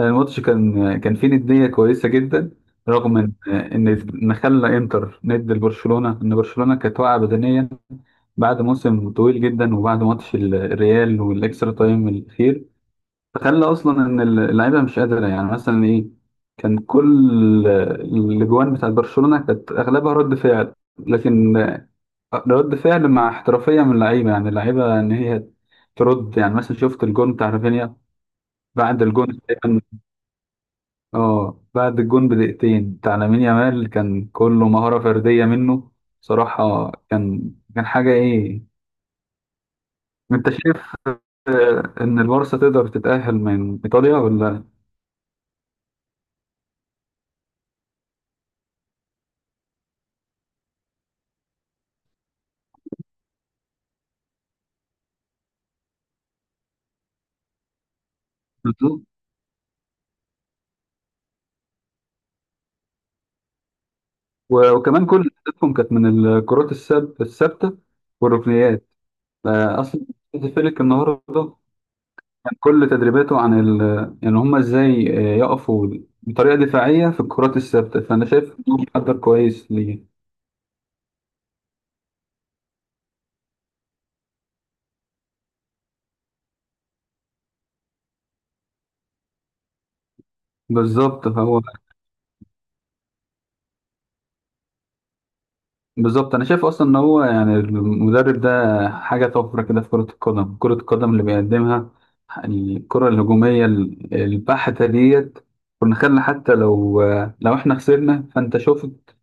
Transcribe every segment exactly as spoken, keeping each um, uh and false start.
الماتش كان كان فيه ندية كويسة جدا. رغم ان ان ما خلى انتر ند لبرشلونة، ان برشلونة كانت واقعة بدنيا بعد موسم طويل جدا، وبعد ماتش ال- الريال والاكسترا تايم الاخير. فخلى اصلا ان اللعيبة مش قادرة، يعني مثلا ايه. كان كل الاجوان بتاعت برشلونة كانت اغلبها رد فعل، لكن رد فعل مع احترافية من اللعيبة. يعني اللعيبة ان هي ترد، يعني مثلا شفت الجون بتاع رافينيا. بعد الجون، اه بعد الجون بدقيقتين بتاع لامين يامال، كان كله مهارة فردية منه. صراحة كان كان حاجة ايه. انت شايف آه، ان البارسا تقدر تتأهل من ايطاليا ولا؟ بالظبط. و- وكمان كل اهدافهم كانت من الكرات الساب- الثابتة والركنيات. آه، اصلا فيلك النهارده كان كل تدريباته عن ال... يعني هم ازاي آه، يقفوا بطريقة دفاعية في الكرات الثابتة، فانا شايف انه محضر كويس ليه. بالظبط هو. بالظبط انا شايف اصلا ان هو يعني المدرب ده حاجه طفره كده في كره القدم. كره القدم اللي بيقدمها، يعني الكره الهجوميه ال- البحته ديت، كنا خلنا حتى لو لو احنا خسرنا، فانت شفت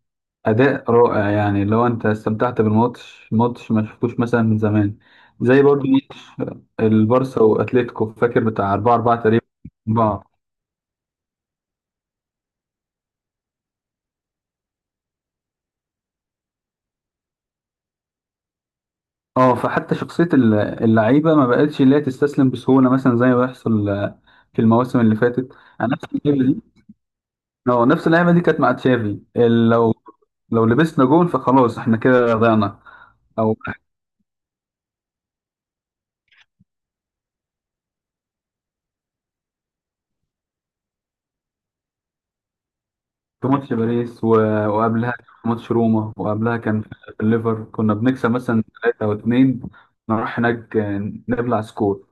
اداء رائع. يعني لو انت استمتعت بالماتش ماتش ما شفتوش مثلا من زمان، زي برضه ماتش البارسا واتليتيكو، فاكر، بتاع أربعة أربعة تقريبا. اه فحتى شخصية ال- اللعيبة ما بقتش اللي هي تستسلم بسهولة، مثلا زي ما بيحصل آه، في المواسم اللي فاتت. أنا نفس اللعيبة دي. اه نفس اللعيبة دي كانت مع تشافي. ال- لو لو لبسنا جون فخلاص احنا كده ضيعنا. او في ماتش باريس و... وقبلها كان في ماتش روما، وقبلها كان في في الليفر كنا بنكسب مثلا تلاتة او اتنين، نروح هناك آه، نبلع سكور.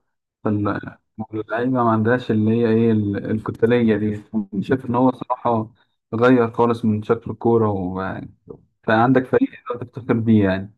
فاللعيبة ما عندهاش اللي هي إيه ال- الكتالية دي. شايف إن هو صراحة غير خالص من شكل الكورة و... فعندك فريق تقدر تفتخر بيه يعني.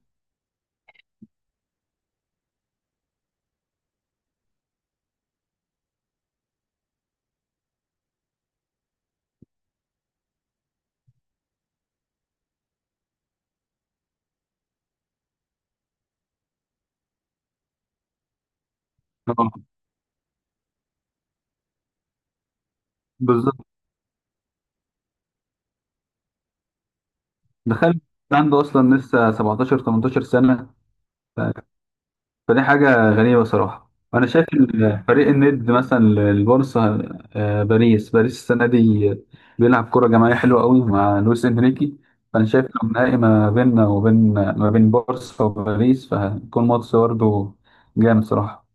آه، بالظبط. دخلت عنده أصلا لسه سبعتاشر تمنتاشر سنة. فدي حاجة غريبة صراحة. وأنا شايف إن فريق الند مثلا البورصة، آه، باريس. باريس السنة دي بيلعب كرة جماعية حلوة قوي مع لويس إنريكي. فأنا شايف لو نهائي ما بيننا وبين ما بين بورصة وباريس، فهيكون ماتش برضه جامد صراحة.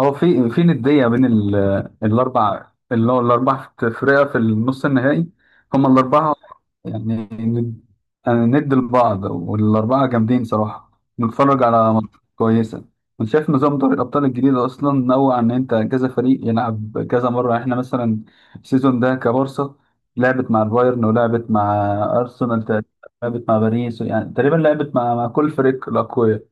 هو في في ندية بين ال- الأربع، اللي هو الأربع فرقة في النص النهائي، هما الأربعة يعني ند. يعني ند لبعض، والأربعة جامدين صراحة. نتفرج على ماتشات كويسة. أنا شايف نظام دوري الأبطال الجديد أصلا نوع، إن أنت كذا فريق يلعب كذا مرة. إحنا مثلا السيزون ده كبارسا لعبت مع البايرن، ولعبت مع أرسنال تقريبا، لعبت مع باريس، يعني تقريبا لعبت مع مع كل فريق الأقوياء.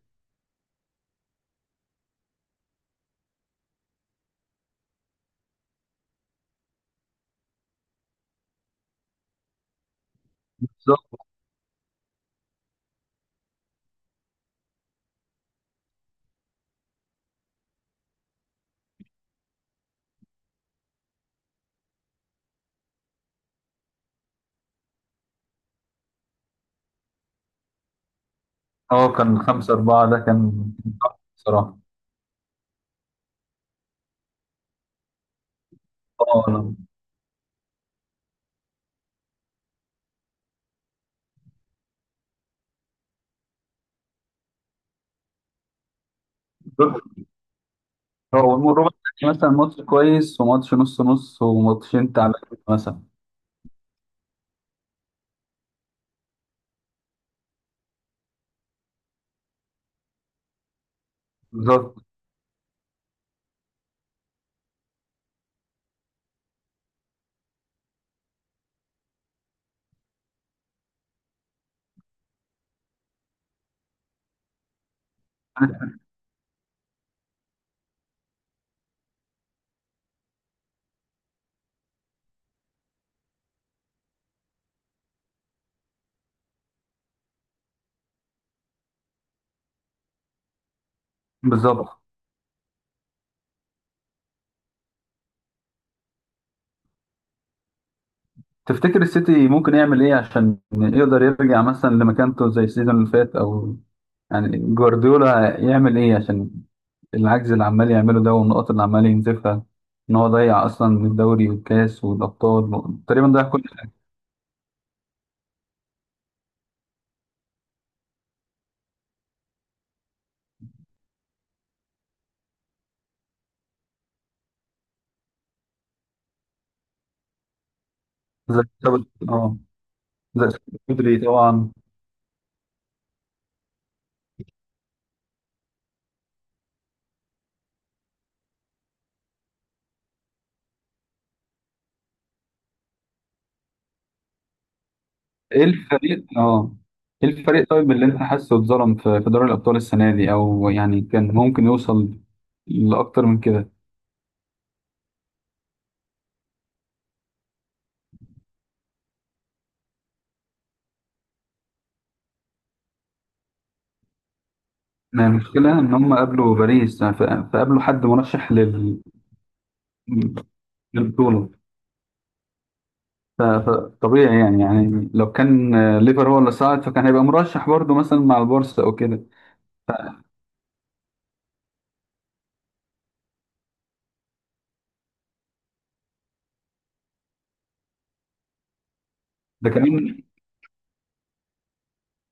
So. اه كان خمسة اربعة، ده كان كان تحفة بصراحة. اه أنا. هو الربع التاني مثلا ماتش كويس، وماتش نص نص، وماتشين تعبانين مثلا. بالظبط. بالظبط. تفتكر السيتي ممكن يعمل ايه عشان يقدر يرجع مثلا لمكانته زي السيزون اللي فات، او يعني جوارديولا يعمل ايه عشان العجز اللي عمال يعمله ده والنقط اللي عمال ينزفها، ان هو ضيع اصلا الدوري والكاس والابطال، تقريبا ضيع كل حاجه. زي إصابة- اه زي إصابة بدري طبعا. ايه الفريق اه ايه الفريق طيب اللي انت حاسه اتظلم في في دوري الابطال السنه دي، او يعني كان ممكن يوصل لاكتر من كده؟ ما المشكله ان هم قابلوا باريس، ف- فقابلوا حد مرشح لل... للبطوله. ف- فطبيعي يعني يعني لو كان آه، ليفر هو اللي صعد، فكان هيبقى مرشح برضه مثلا مع البورصه او كده. ده كمان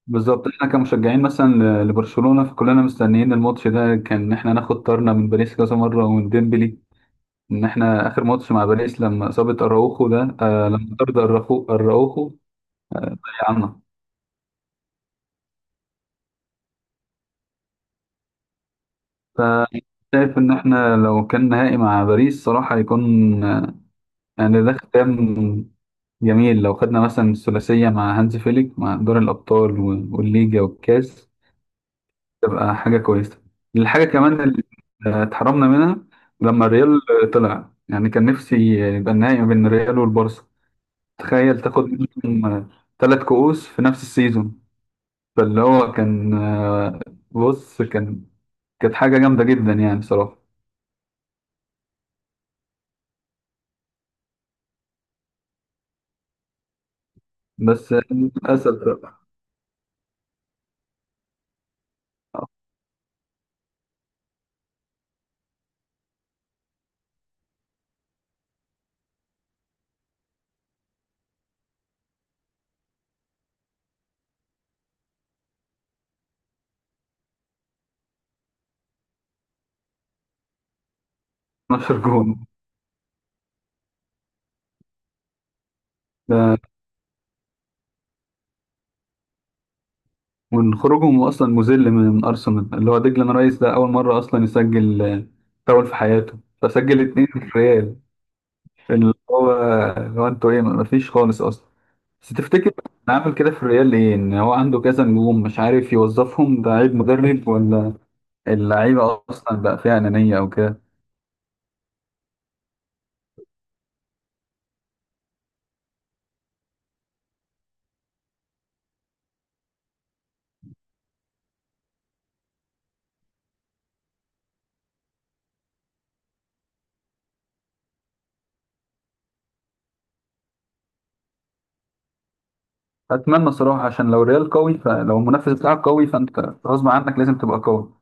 بالظبط. احنا كمشجعين مثلا ل- لبرشلونه، فكلنا مستنيين الماتش ده. كان احنا ناخد طارنا من باريس كذا مره ومن ديمبلي. ان احنا اخر ماتش مع باريس لما اصابه اراوخو ده، آه لما طرد اراوخو اراوخو ضيعنا. فشايف ان احنا لو كان نهائي مع باريس، صراحه هيكون آه، يعني ده ختام جميل. لو خدنا مثلا الثلاثيه مع هانز فيليك، مع دور الابطال وال- والليجا والكاس، تبقى حاجه كويسه. الحاجه كمان اللي آه، اتحرمنا منها لما الريال طلع، يعني كان نفسي يبقى النهائي ما بين الريال والبارسا. تخيل تاخد منهم تلات كؤوس في نفس السيزون. فاللي هو كان آه، بص كان. كانت حاجة جامدة جدا يعني صراحة. بس للأسف بقى، اثنا عشر جون ده من خروجهم أصلا مذل من من أرسنال، اللي هو ديكلان رايس ده أول مرة أصلا يسجل آه، فاول في حياته، فسجل اتنين في الريال، اللي هو اللي هو أنتوا إيه مفيش خالص أصلا. بس تفتكر أنا عامل كده في الريال ليه؟ إن هو عنده كذا نجوم مش عارف يوظفهم. ده عيب مدرب، ولا اللعيبة أصلا بقى فيها أنانية أو كده؟ اتمنى صراحه عشان لو ريال قوي، فلو المنافس بتاعك قوي فانت غصب عنك لازم تبقى قوي.